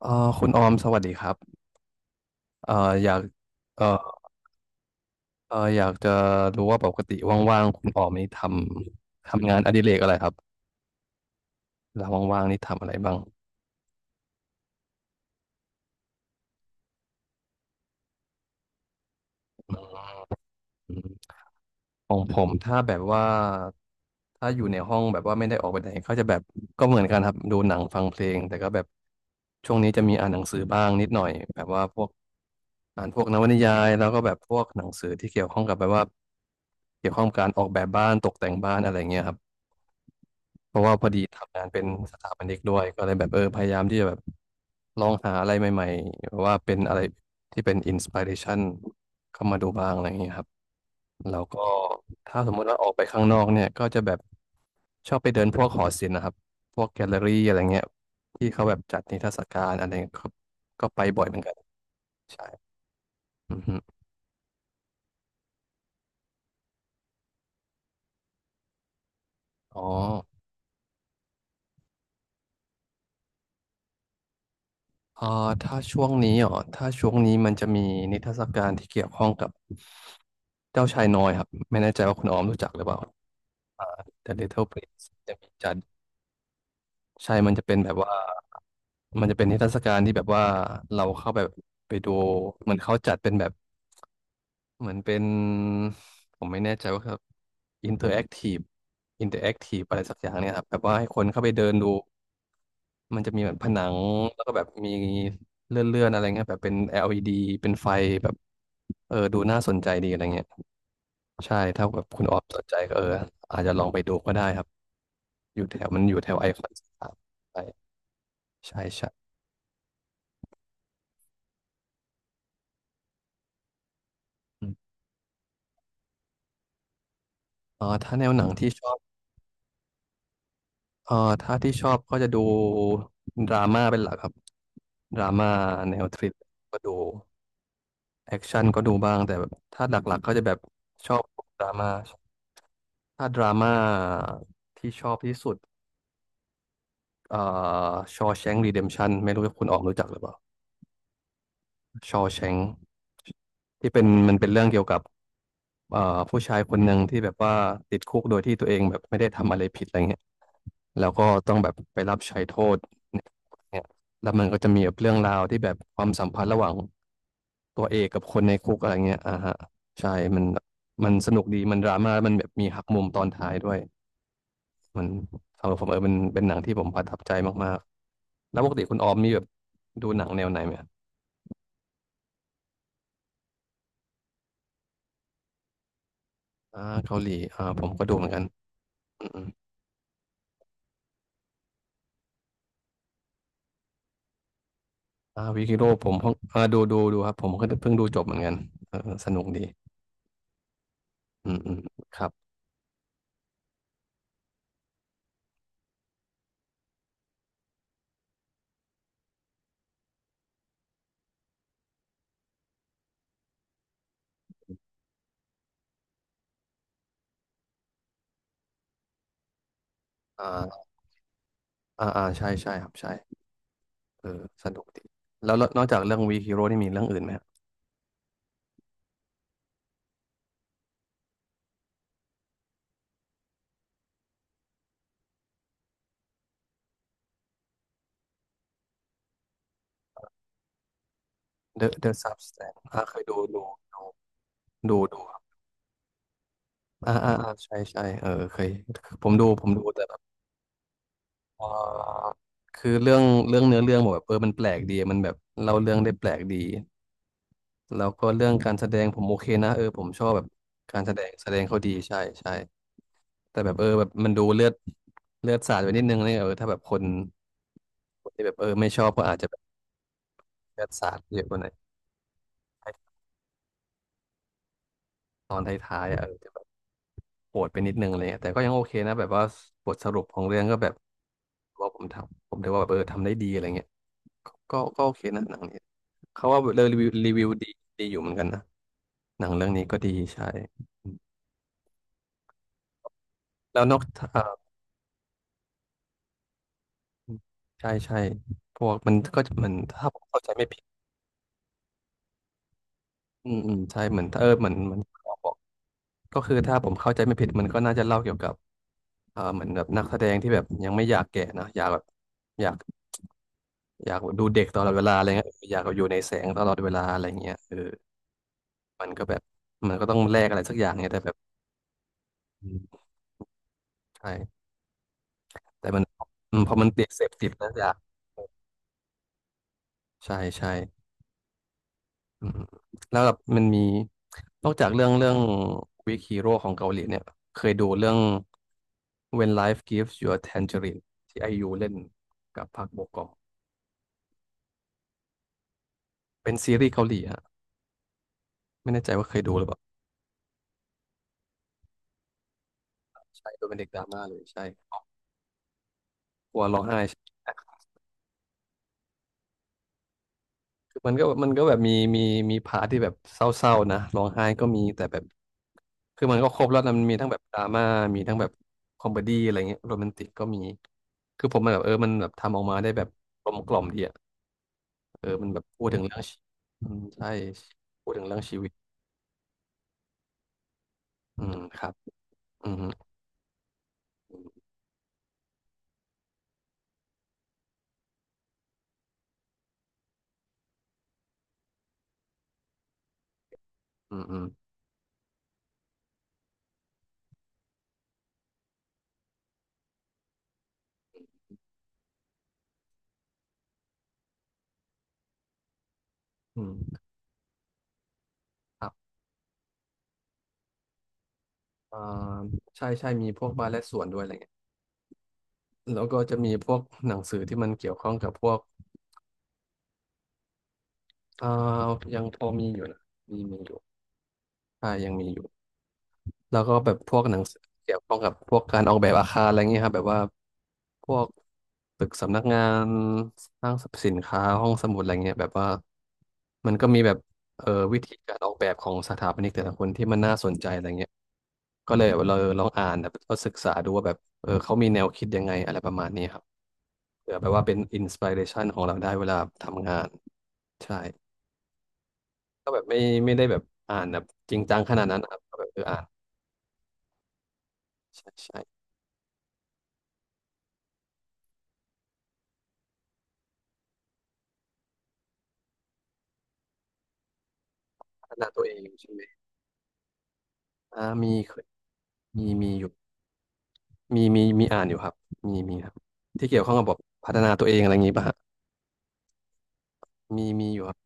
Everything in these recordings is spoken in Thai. เอ่อคุณออมสวัสดีครับเอ่ออยากเอ่อเอ่ออยากจะรู้ว่าปกติว่างๆคุณออมนี่ทำงานอดิเรกอะไรครับเวลาว่างๆนี่ทำอะไรบ้างอืมของผมถ้าแบบว่าถ้าอยู่ในห้องแบบว่าไม่ได้ออกไปไหนก็จะแบบก็เหมือนกันครับดูหนังฟังเพลงแต่ก็แบบช่วงนี้จะมีอ่านหนังสือบ้างนิดหน่อยแบบว่าพวกอ่านพวกนวนิยายแล้วก็แบบพวกหนังสือที่เกี่ยวข้องกับแบบว่าเกี่ยวข้องกับการออกแบบบ้านตกแต่งบ้านอะไรเงี้ยครับ เพราะว่าพอดีทำงานเป็นสถาปนิกด้วยก็เลยแบบพยายามที่จะแบบลองหาอะไรใหม่ๆหรือว่าเป็นอะไรที่เป็นอินสปิเรชันเข้ามาดูบ้างอะไรอย่างเงี้ยครับแล้วก็ถ้าสมมุติว่าออกไปข้างนอกเนี่ยก็จะแบบชอบไปเดินพวกหอศิลป์นะครับพวกแกลเลอรี่อะไรเงี้ยที่เขาแบบจัดนิทรรศการอะไรเงี้ยก็ไปบ่อยเหมือนกันใช่อือฮึอ๋อ อ่าถ้าช่วงนี้มันจะมีนิทรรศการที่เกี่ยวข้องกับเจ้าชายน้อยครับไม่แน่ใจว่าคุณออมรู้จักหรือเปล่า The Little Prince จะมีจัดใช่มันจะเป็นแบบว่ามันจะเป็นนิทรรศการที่แบบว่าเราเข้าไปไปดูเหมือนเขาจัดเป็นแบบเหมือนเป็นผมไม่แน่ใจว่าครับ interactive interactive อะไรสักอย่างเนี่ยครับแบบว่าให้คนเข้าไปเดินดู มันจะมีแบบผนังแล้วก็แบบมีเลื่อนๆอะไรเงี้ยแบบเป็น LED เป็นไฟแบบดูน่าสนใจดีอะไรเงี้ยใช่ถ้าแบบคุณออฟสนใจก็อาจจะลองไปดูก็ได้ครับอยู่แถวมันอยู่แถวไอคอนสยามใช่ใช่ใช่อืมเออถ้าแนวหนังที่ชอบเออถ้าที่ชอบก็จะดูดราม่าเป็นหลักครับดราม่าแนวทริลก็ดูแอคชั่นก็ดูบ้างแต่แบบถ้าหลักๆก็จะแบบชอบดราม่าถ้าดราม่าที่ชอบที่สุด เอ่อชอแชง r e รีเดมชันไม่รู้ว่าคุณออกรู้จักหรือเปล่าชอแชงที่เป็นมันเป็นเรื่องเกี่ยวกับเอ่อผู้ชายคนหนึ่งที่แบบว่าติดคุกโดยที่ตัวเองแบบไม่ได้ทำอะไรผิดอะไรเงี้ยแล้วก็ต้องแบบไปรับใช้โทษเนี่ยแล้วมันก็จะมีแบบเรื่องราวที่แบบความสัมพันธ์ระหว่างตัวเอกกับคนในคุกอะไรเงี้ยอ่าฮะใช่มันมันสนุกดีมันดราม่าแล้วมันแบบมีหักมุมตอนท้ายด้วย มันสำหรับผมเป็นหนังที่ผมประทับใจมากๆแล้วปกติคุณออมมีแบบดูหนังแนวไหนไหมอ่าเกาหลีผมก็ดูเหมือนกันอืมๆวิกิโร่ผมเพิ่งดูครับผมก็เพิ่งดูจบเหมือนกันเออสนุกดีอืมอืมครับอ่าอ่าอ่าใช่ใช่ครับใช่เออสนุกดีแล้วแล้วนอกจากเรื่องวีฮีโร่นี่มีเรื่องอื่นไหมครับ The Substance เคยดูดูครับอ่าอ่าอ่าใช่ใช่เคยผมดูแต่ เอ่อคือเรื่องเนื้อเรื่องบอกแบบมันแปลกดี มันแบบเล่าเรื่องได้แปลกดีแล้วก็เรื่องการแสดงผมโอเคนะผมชอบแบบการแสดงเขาดีใช่ใช่แต่แบบแบบมันดูเลือดสาดไปนิดนึงนี่ถ้าแบบคนคนที่แบบไม่ชอบก็อาจจะแบบเลือดสาดเยอะกว่าหน่อยตอนท้ายๆอะจะแบบปวดไปนิดนึงอะไรเงี้ยแต่ก็ยังโอเคนะแบบว่าบทสรุปของเรื่องก็แบบว่าผมทำผมถือว่าแบบทำได้ดีอะไรเงี้ยก็โอเคนะหนังนี้ เขาว่าเรรีวิวรีวิวดีอยู่เหมือนกันนะหนังเรื่องนี้ก็ดีใช่อืมแล้วนอกเอ่อใช่ใช่พวกมันก็จะมันถ้าผมเข้าใจไม่ผิดอืมอืมใช่เหมือนเออเหมือนเหมือนเขาบอกก็คือถ้าผมเข้าใจไม่ผิดมันก็น่าจะเล่าเกี่ยวกับเหมือนแบบนักแสดงที่แบบยังไม่อยากแก่นะอยากแบบอยากอยากดูเด็กตลอดเวลาอะไรเงี้ยอยากอยู่ในแสงตลอดเวลาอะไรเงี้ยมันก็แบบมันก็ต้องแลกอะไรสักอย่างเนี่ยแต่แบบอืมใช่แต่มันพอมันติดเสพติดแล้วอยากใช่ใช่ อืมแล้วแบบมันมีนอกจากเรื่องวิกฮีโร่ของเกาหลีเนี่ยเคยดูเรื่อง When Life Gives You a Tangerine ที่ไอยูเล่นกับพักโบกอมเป็นซีรีส์เกาหลีฮะไม่แน่ใจว่าเคยดูหรือเปล่าใช่ดูเป็นเด็กดราม่าเลยใช่ครอบครัวร้องไห้ใช่ มันก็แบบมีมีพาร์ทที่แบบเศร้าๆนะร้องไห้ก็มีแต่แบบคือมันก็ครบแล้วนะมันมีทั้งแบบดราม่ามีทั้งแบบคอมเมดี้อะไรเงี้ยโรแมนติกก็มีคือผมมันแบบเออมันแบบทำออกมาได้แบบกลมกล่อมดีอ่ะเออมันแบบพูดถึงเรื่องชีอืมใช่พูดถึงเรื่องชีวิตอืมครับอืมอืมอืมอืมครับอ่าใช่ใช่มีพวกบาร์และสวนด้วยอะไรเงี้ยแล้วก็จะมีพวกหนังสือที่มันเกี่ยวข้องกับพวกอ่ายังพอมีอยู่นะมีอยู่ใช่ยังมีอยู่ แล้วก็แบบพวกหนังสือเกี่ยวข้องกับพวกการออกแบบอาคารอะไรเงี้ยครับแบบว่าพวกตึกสำนักงานห้างสรรพสินค้าห้องสมุดอะไรเงี้ยแบบว่ามันก็มีแบบเออวิธีการออกแบบของสถาปนิกแต่ละคนที่มันน่าสนใจอะไรเงี้ยก็เลยเราลองอ่านแบบก็ศึกษาดูว่าแบบเออเขามีแนวคิดยังไงอะไรประมาณนี้ครับเผื่อแบบว่าเป็นอินสปิเรชันของเราได้เวลาทำงานใช่ก็แบบไม่ได้แบบอ่านแบบจริงจังขนาดนั้นนะครับก็แบบเอออ่านใช่ใช่ พัฒนาตัวเองใช่ไหมมีเคยมีอยู่มีอ่านอยู่ครับมีครับที่เกี่ยวข้องกับแบบพัฒนาตัวเองอะไรอย่างนี้ป่ะฮะมีอยู่ครับ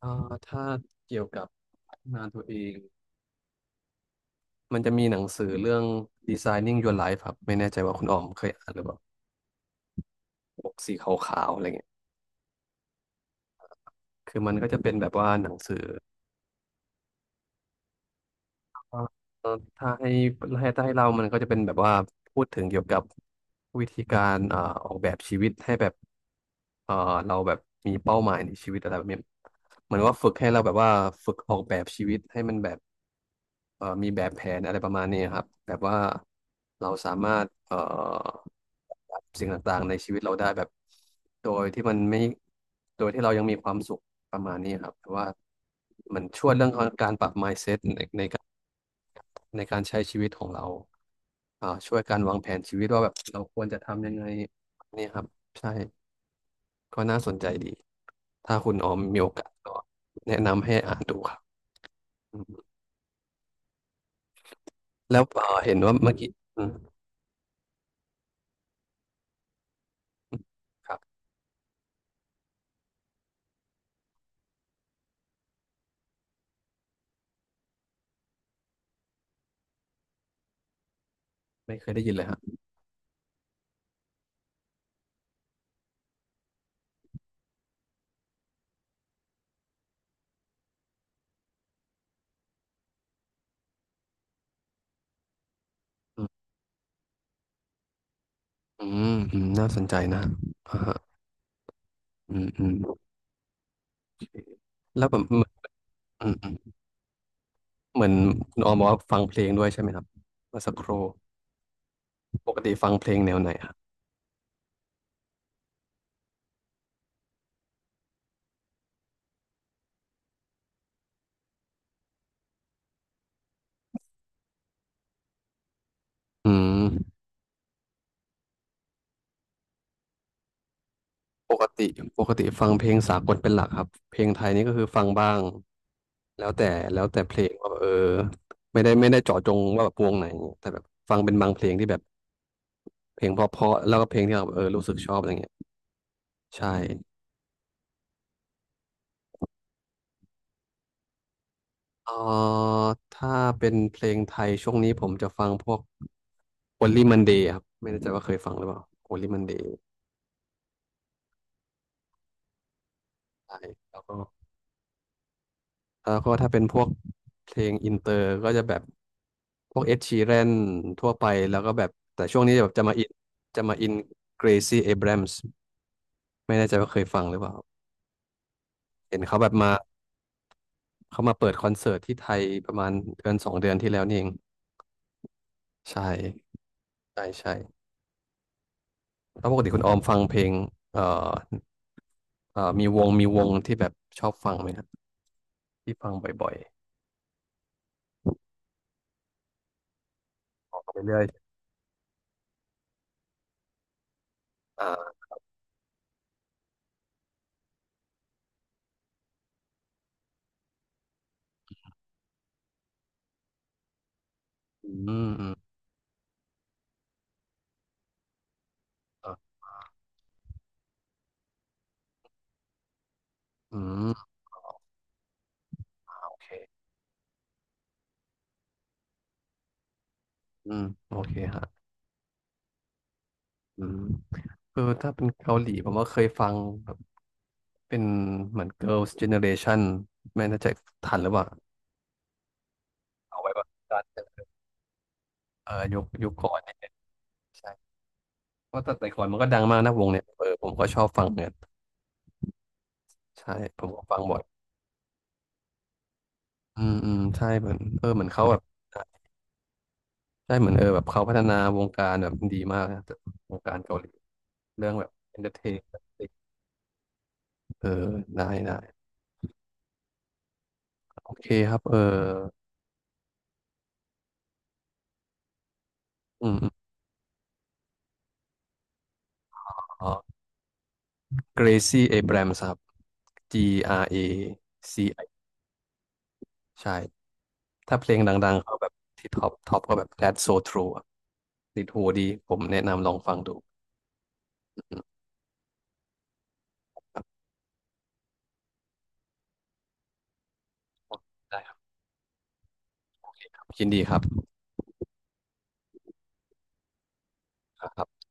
อ่าถ้าเกี่ยวกับพัฒนาตัวเองมันจะมีหนังสือเรื่อง Designing Your Life ครับไม่แน่ใจว่าคุณออมเคยอ่านหรือเปล่าปกสีขาวๆอะไรเงี้ยคือมันก็จะเป็นแบบว่าหนังสือ เอ่อถ้าให้ถ้าให้เรามันก็จะเป็นแบบว่าพูดถึงเกี่ยวกับวิธีการออกแบบชีวิตให้แบบเอ่อเราแบบมีเป้าหมายในชีวิตอะไรแบบนี้เหมือนว่าฝึกให้เราแบบว่าฝึกออกแบบชีวิตให้มันแบบมีแบบแผนอะไรประมาณนี้ครับแบบว่าเราสามารถสิ่งต่างๆในชีวิตเราได้แบบโดยที่มันไม่โดยที่เรายังมีความสุขประมาณนี้ครับแต่ว่ามันช่วยเรื่องการปรับ mindset ใน ในการใช้ชีวิตของเราอ่าช่วยการวางแผนชีวิตว่าแบบเราควรจะทำยังไงเนี่ยครับใช่ก็น่าสนใจดี ถ้าคุณออมมีโอกาสก็แนะนำให้อ่านดูครับอืมแล้วเห็นว่าเมื่อกี้อืมอืมครับไม่เคยได้ยินเลยฮะอืมอืมอืมน่าสนใจนะอ่าฮะอืมอืมแล้วแบบเหมือนอืมอืมเหมือนคุณออมบอกว่าฟังเพลงด้วยใช่ไหมครับเมื่อสักครู่ปกติฟังเพลงแนวไหนฮะอืม ปกติปกติฟังเพลงสากลเป็นหลักครับเพลงไทยนี่ก็คือฟังบ้างแล้วแต่แล้วแต่เพลงว่าแบบเออไม่ได้เจาะจงว่าแบบวงไหนแต่แบบฟังเป็นบางเพลงที่แบบเพลงเพราะๆแล้วก็เพลงที่เราแบบเออรู้สึกชอบอะไรเงี้ยใช่เออถ้าเป็นเพลงไทยช่วงนี้ผมจะฟังพวก Only Monday ครับไม่แน่ใจว่าเคยฟังหรือเปล่า Only Monday ใช่แล้วก็ แล้วก็ถ้าเป็นพวกเพลงอินเตอร์ก็จะแบบพวกเอ็ดชีแรนทั่วไปแล้วก็แบบแต่ช่วงนี้แบบจะมาอินเกรซี่เอ r บรมส์ไม่แน่ใจว่าเคยฟังหรือเปล่าเห็นเขาแบบมาเขามาเปิดคอนเสิร์ตที่ไทยประมาณเดือนสองเดือนที่แล้วนี่เองใช่ใช่ใช่แล้วปกติคุณออมฟังเพลงเอ่อมีวงที่แบบชอบฟังไหมครับที่ฟังบ่อยๆฟังไปเรื่อยอ่าอืมอืมอ่ะอืมโอเคอืมโอเคฮะอืม คือถ้าเป็นเกาหลีผมว่าเคยฟังแบบเป็นเหมือน Girls Generation ไม่แน่ใจทันหรือเปล่าเอาไว้แบบตอนเออยุคก่อนเนี่ยใช่เพราะแต่ก่อนมันก็ดังมากนะวงเนี่ยเออผมก็ชอบฟังเนี่ยใช่ผมก็ฟังบ่อยอืมอืมใช่เหมือนเออเหมือนเขาแบบใช่เหมือนเออแบบเขาพัฒนาวงการแบบดีมากนะแต่วงการเกาหลีเรื่องแบบเอนเตอร์เทนเออได้ได้โอเคครับเอออืมอมอ๋อเกรซี่เอแบรมส์ครับ G R A C ใช่ ถ้าเพลงดังๆ เขาแบบที่ท็อปก็แบบ That's So True อะติดหูดี ผมแนะนำลองฟังดูอืมได้ครับยินดีครับครับ